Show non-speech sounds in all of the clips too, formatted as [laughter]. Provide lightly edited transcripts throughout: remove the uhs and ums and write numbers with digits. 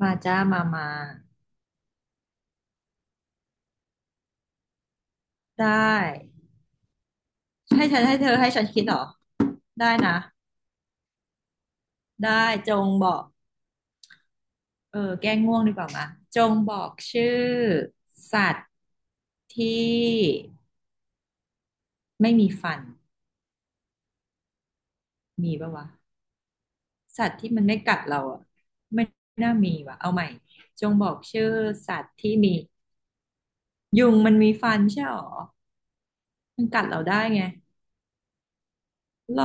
มาจ้ามามาได้ให้ฉันให้ฉันคิดเหรอได้นะได้จงบอกเออแก้ง่วงดีกว่ามาจงบอกชื่อสัตว์ที่ไม่มีฟันมีปะวะสัตว์ที่มันไม่กัดเราอ่ะไม่น่ามีว่ะเอาใหม่จงบอกชื่อสัตว์ที่มียุงมันมีฟันใช่หรอมันกัดเราได้ไงหรอ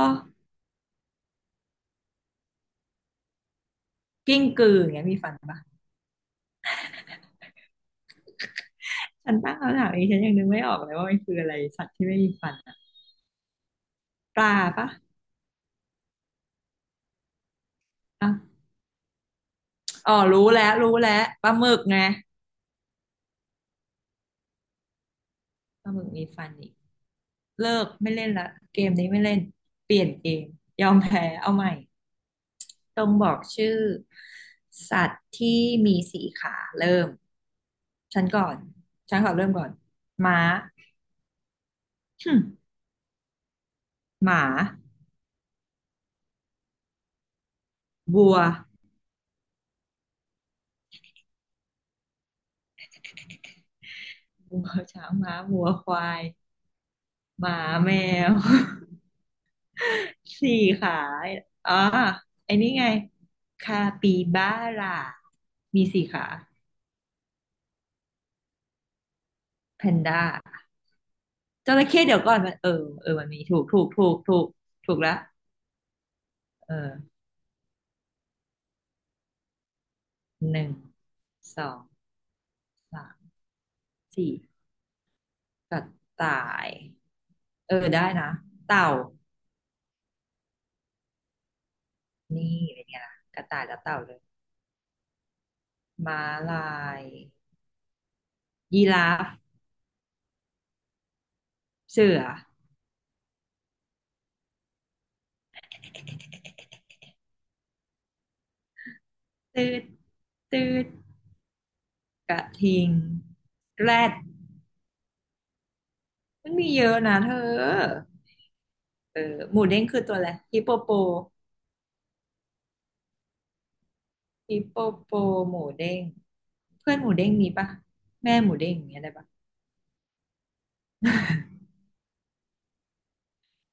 กิ้งกืออย่างเงี้ยมีฟันปะฉันตั้งคำถามเองฉันยังนึกไม่ออกเลยว่ามันคืออะไรสัตว์ที่ไม่มีฟันอะปลาปะ อ่ะอ๋อรู้แล้วรู้แล้วปลาหมึกไงปลาหมึกมีฟันอีกเลิกไม่เล่นละเกมนี้ไม่เล่นเปลี่ยนเกมยอมแพ้เอาใหม่ต้องบอกชื่อสัตว์ที่มีสี่ขาเริ่ม ฉันก่อนฉันขอเริ่มก่อนม้าหมหมาวัวช้างม้าวัวควายหมาแมว [laughs] สี่ขาอ๋อไอ้นี่ไงคาปิบาร่ามีสี่ขา แพนด้าจระเข้เดี๋ยวก่อนมันมันมีถูกถูกแล้วเออหนึ่งสองสามสี่กระต่ายเออได้นะเต่านี่เป็นไงล่ะกระต่ายกับเต่าเลยม้าลายยีราฟเสือตืดตืดกระทิงแรดมันมีเยอะนะเธอเออหมูเด้งคือตัวอะไรฮิปโปโป ฮิปโปโปหมูเด้งเพื่อนหมูเด้งมีปะแม่หมูเด้งอย่างเงี้ยได้ปะ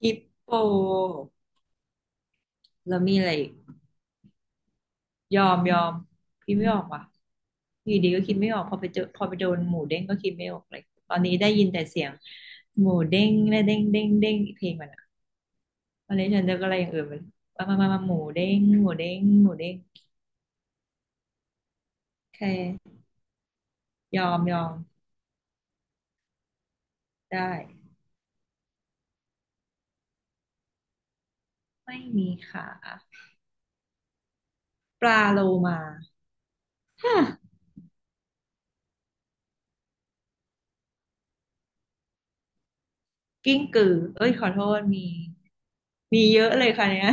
ฮิปโปแล้วมีอะไรอีกยอมยอมพี่ไม่ออกว่ะอยู่ดีก็คิดไม่ออกพอไปเจอพอไปโดนหมูเด้งก็คิดไม่ออกเลยตอนนี้ได้ยินแต่เสียงหมูเด้งและเด้งเด้งเด้งเพลงมันอะตอนนี้ฉันเจออะไรอย่างอื่นมันมามามามาหมูเด้งหมูเด้งหมูเด้งโอเคยอมยอมได้ไม่มีขาปลาโลมาฮะ กิ้งกือเอ้ยขอโทษมีมีเยอะเลยค่ะเนี่ย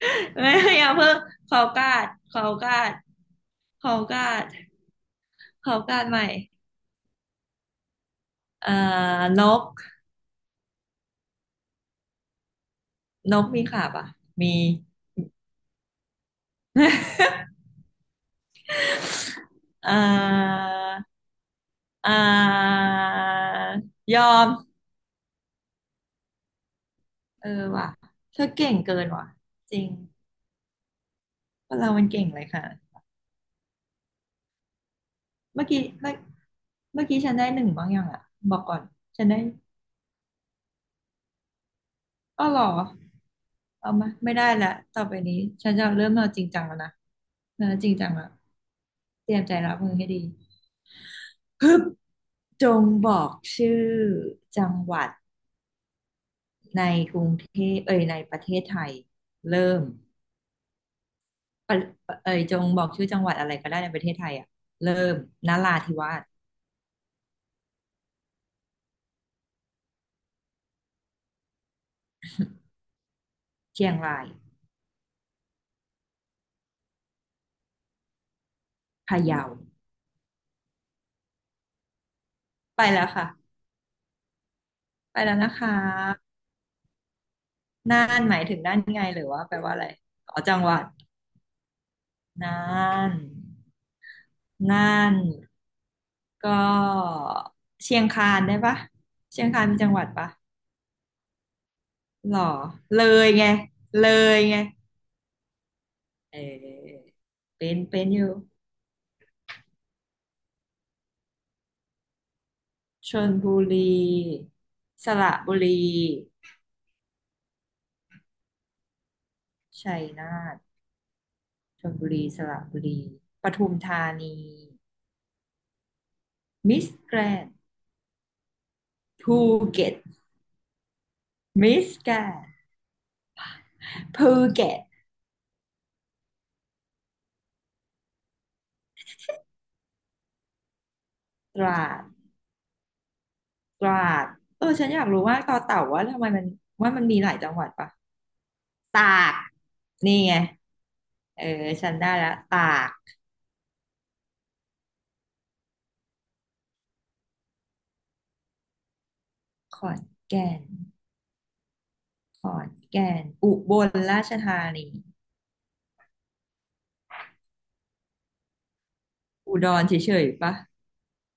[laughs] ไม่อย่าเพิ่งขอกาดขอกาดขอกาดขอกาดใหม่เอ่อนกมีขาปะมีเอ่อเอ่อยอมเออว่ะเธอเก่งเกินว่ะจริงคนเรามันเก่งเลยค่ะเมื่อกี้เมื่อเมื่อกี้ฉันได้หนึ่งบ้างยังอ่ะบอกก่อนฉันได้ อ้อเหรอเอามาไม่ได้ละต่อไปนี้ฉันจะเริ่มเอาจริงจังแล้วนะเออจริงจังละเตรียมใจรับมือให้ดีฮึบจงบอกชื่อจังหวัดในกรุงเทพเอ่ยในประเทศไทยเริ่มปะปะเอ่ยจงบอกชื่อจังหวัดอะไรก็ได้ในประเทศไทยอ่ะเริ่มนราธิวาสเชียงรายพะเยาไปแล้วค่ะไปแล้วนะคะน่านหมายถึงน่านไงหรือว่าแปลว่าอะไรอ๋อจังหวัดน่าน น่านก็เชียงคานได้ปะเชียงคานมีจังหวัดปะหรอเลยไงเลยไงเออเป็นอยู่ชลบุรีสระบุรีชัยนาทชลบุรีสระบุรีปทุมธานีมิสแกรนด์ภูเก็ตมิสแกรนด์ภูเก็ตตราดตราดเออฉันอยากรู้ว่าต่อเต่าว่าทำไมมันว่ามันมีหลายจังหวัดปะ ตากนี่ไงเออ ฉันได้ละตากขอนแก่นขอนแก่นอุบลราชธานีอุดรเฉยๆปะ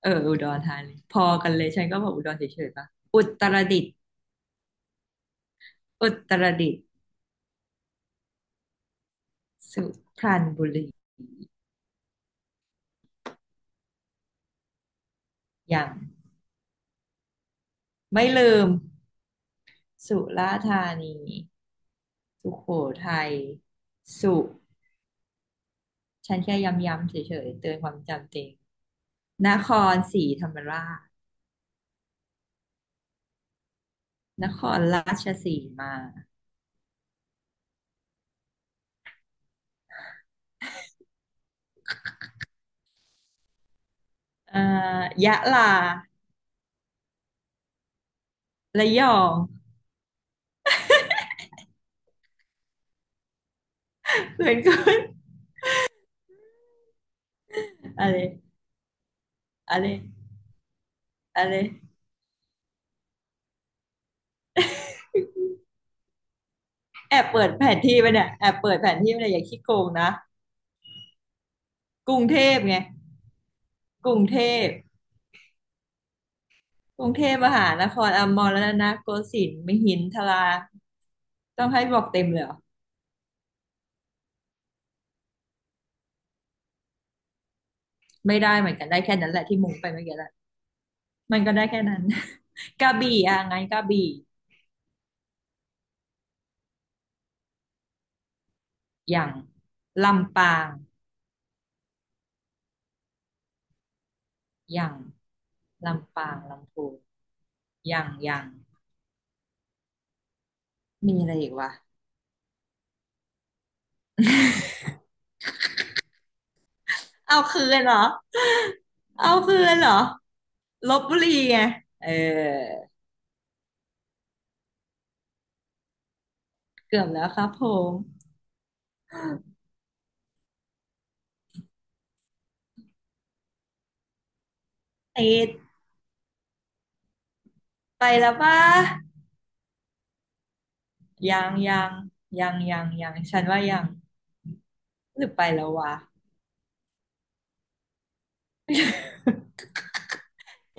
เออ อุดรธานีพอกันเลย ฉันก็บอกอุดรเฉยๆปะอุตรดิตถ์อุตรดิตถ์สุพรรณบุรียังไม่ลืม สุราษฎร์ธานี สุโขทัยสุฉันแค่ย้ำๆเฉยๆเตือนความจำเจงนครศรีธรรมราช นครราชสีมาเอ่ยะลาระยองเหมือนกันอะไรอะไรอะไรแอบเปิดแผนที่ไปเนี่ยอย่าขี้โกงนะกรุงเทพไงกรุงเทพกรุงเทพมหานครอมรรัตนโกสินทร์มหินทราต้องให้บอกเต็มเลยเหรอไม่ได้เหมือนกันได้แค่นั้นแหละที่มุงไปเมื่อกี้แหละมันก็ได้แค่นั้น [laughs] กระบี่อ่ะไงกระบี่อย่างลำปางอย่างลำปางลำพูน ยังยังมีอะไรอีกวะเอาคืนเหรอเอาคืนเหรอลพบุรีไงเออเกือบแล้วครับผมติดไปแล้วปะยังยังยังยังฉันว่ายังหรือไปแล้ววะ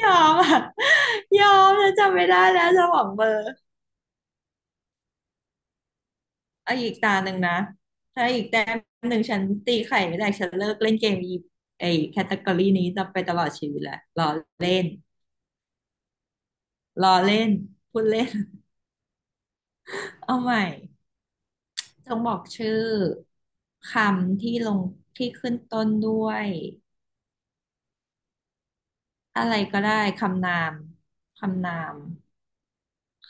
ยอมอ่ะ [laughs] ยอมฉันจำไม่ได้แล้วสมองเบลอร์เอาอีกตาหนึ่งนะถ้าอีกแต้มหนึ่งฉันตีไข่ไม่ได้ฉันเลิกเล่นเกมไอแคตตากรีนี้จะไปตลอดชีวิตแหละรอเล่นรอเล่นพูดเล่น เอาใหม่จงบอกชื่อคำที่ลงที่ขึ้นต้นด้วยอะไรก็ได้คำนามคำนาม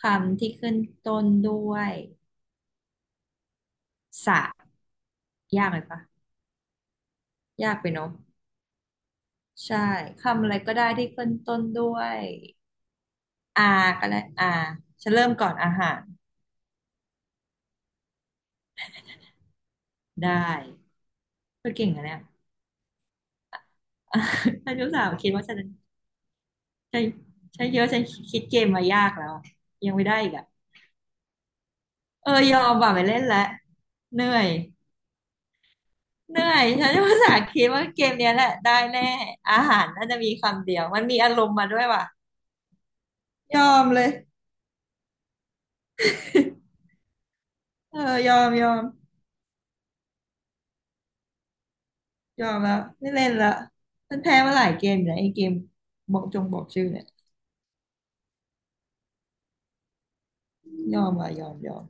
คำที่ขึ้นต้นด้วยสระยากไหมปะยากไปเนอะใช่คำอะไรก็ได้ที่ขึ้นต้นด้วยอาก็ได้อาฉันเริ่มก่อนอาหารได้เธอเก่งอะเนี่ย [laughs] ฉันรู้สาวคิดว่าฉันใช่ใช่เยอะฉันคิดเกมมายากแล้วอะยังไม่ได้อีกอะ เออยอมว่ะไม่เล่นละเหนื่อยเหนื่อยฉันภาษาคิดว่าเกมเนี้ยแหละได้แน่อาหารน่าจะมีคำเดียวมันมีอารมณ์มาด้วยว่ะยอมเลยเออยอมยอมยอมแล้วไม่เล่นละฉันแพ้มาหลายเกมอยู่นะไอ้เกมบอกจงบอกชื่อเนี่ยยอมว่ะยอมยอม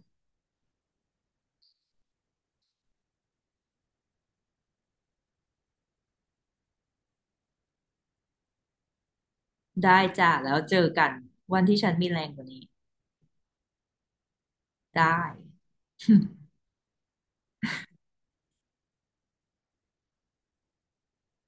ได้จ้ะแล้วเจอกันวันที่ฉันมีแรงกว่านี้ได้ [laughs]